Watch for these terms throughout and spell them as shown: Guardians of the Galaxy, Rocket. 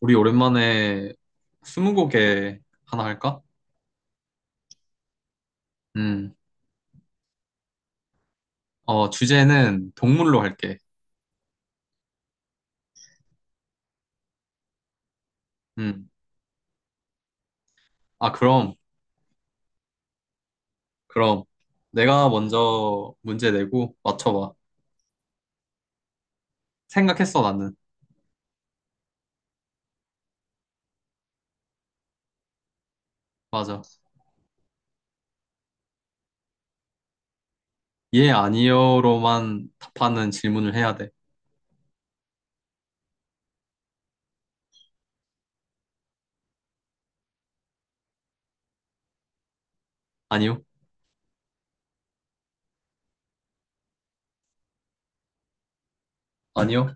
우리 오랜만에 스무고개 하나 할까? 음, 주제는 동물로 할게. 음, 아, 그럼. 내가 먼저 문제 내고 맞춰봐. 생각했어, 나는. 맞아. 예, 아니요로만 답하는 질문을 해야 돼. 아니요? 아니요?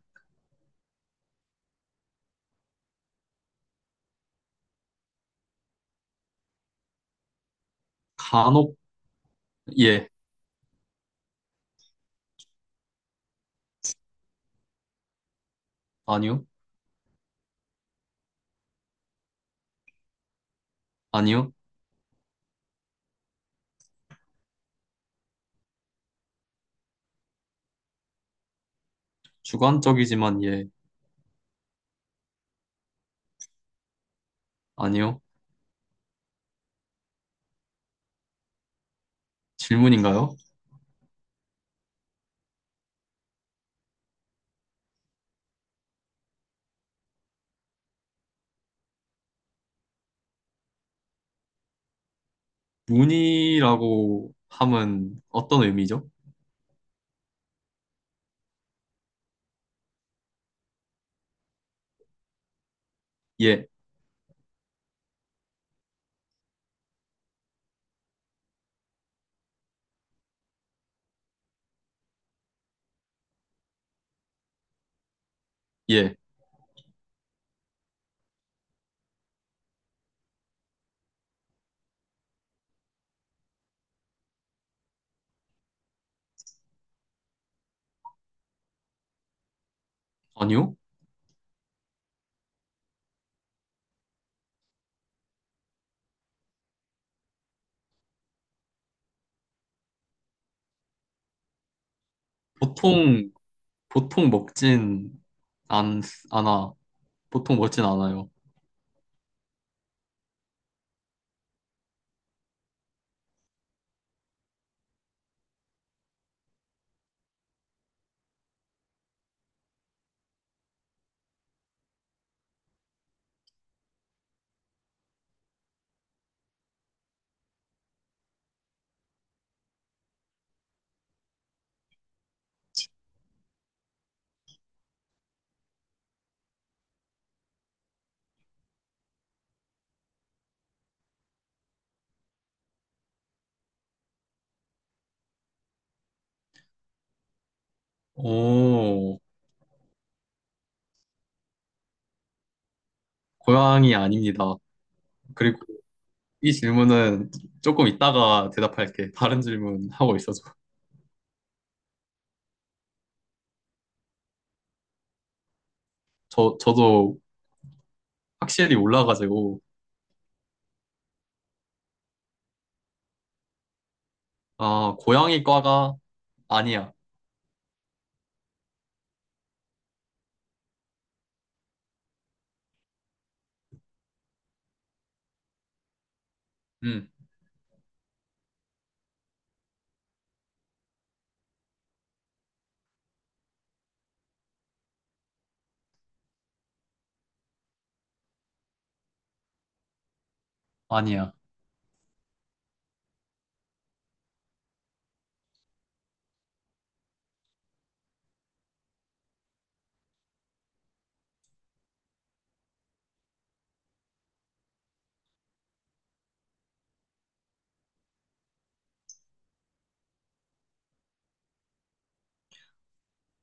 간혹, 예. 아니요? 아니요? 주관적이지만 예. 아니요? 질문인가요? 문이라고 함은 어떤 의미죠? 예, 예. 아니요? 보통 보통 먹진 안, 않아. 보통 먹진 않아요. 오, 고양이 아닙니다. 그리고 이 질문은 조금 이따가 대답할게. 다른 질문 하고 있어서. 저도 확실히 몰라가지고. 아, 고양이 과가 아니야. 응, 아니야.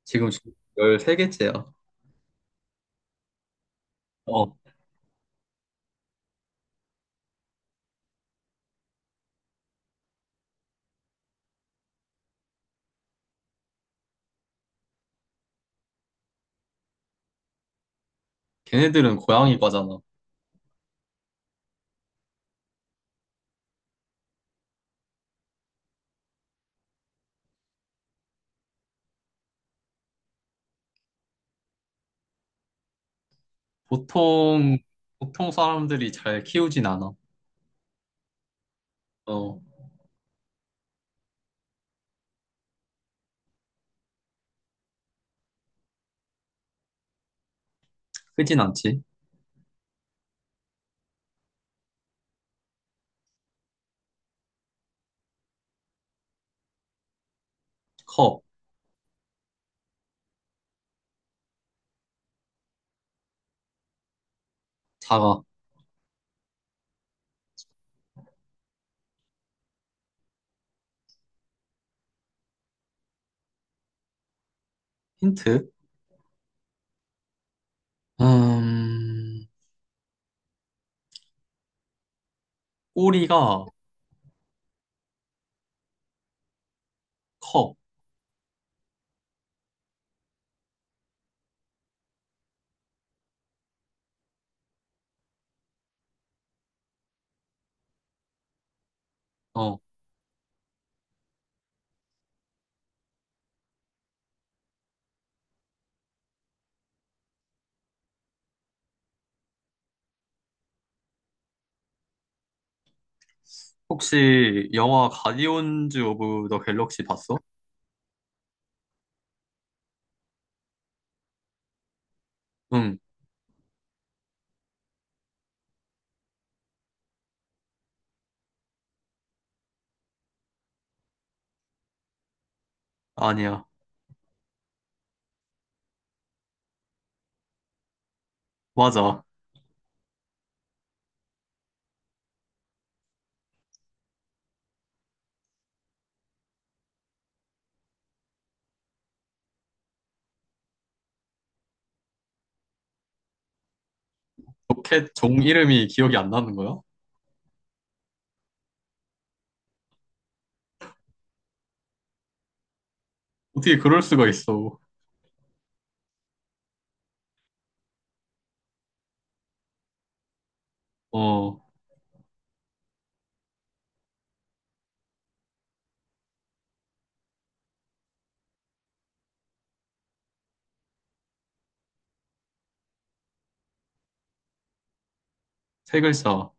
지금 13개째야. 어, 걔네들은 고양이 과잖아. 보통, 보통 사람들이 잘 키우진 않아. 어, 크진 않지. 커, 작아. 힌트? 음, 꼬리가 커. 어. 혹시 영화 가디언즈 오브 더 갤럭시 봤어? 응, 아니야. 맞아. 로켓 종 이름이 기억이 안 나는 거야? 어떻게 그럴 수가 있어. 어, 세 글자.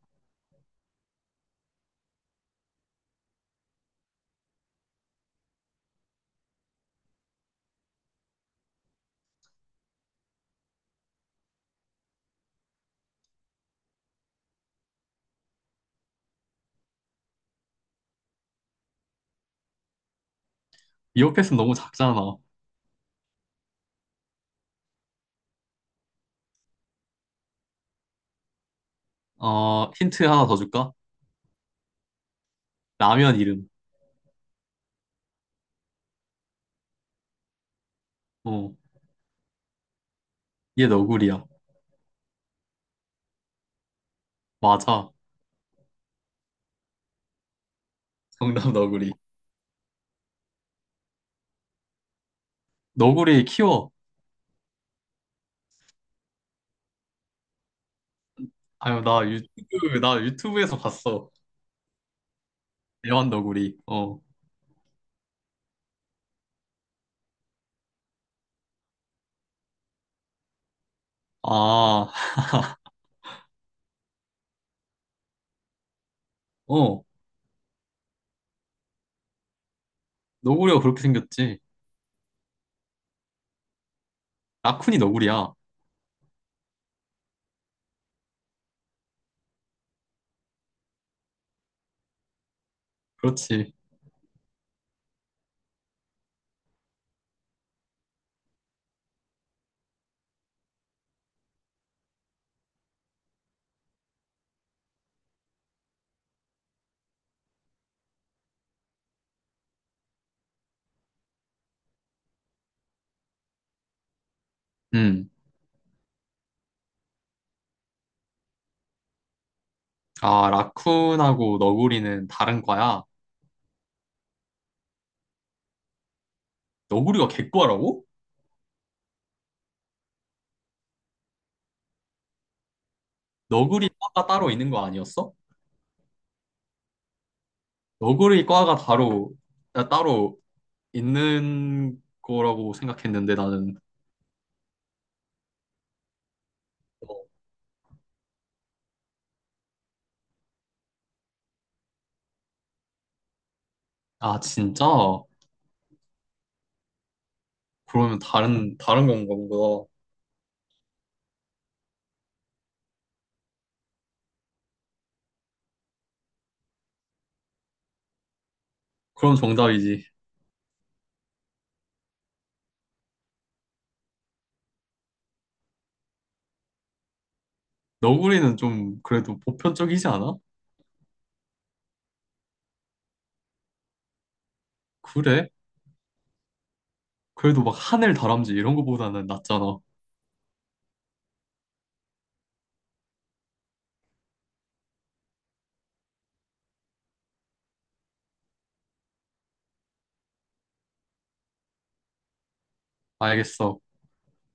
이오패스 너무 작잖아. 힌트 하나 더 줄까? 라면 이름. 어, 얘 너구리야. 맞아. 정답 너구리. 너구리 키워. 아유, 나 유튜브에서 봤어. 애완 너구리. 어. 아, 어. 너구리가 그렇게 생겼지. 라쿤이 너구리야. 그렇지. 음. 아, 라쿤하고 너구리는 다른 과야. 너구리가 개과라고? 너구리 과가 따로 있는 거 아니었어? 너구리 과가 따로 있는 거라고 생각했는데 나는. 아, 진짜? 그러면 다른 건가 보다. 그럼 정답이지. 너구리는 좀 그래도 보편적이지 않아? 그래? 그래도 막 하늘 다람쥐 이런 거보다는 낫잖아. 알겠어.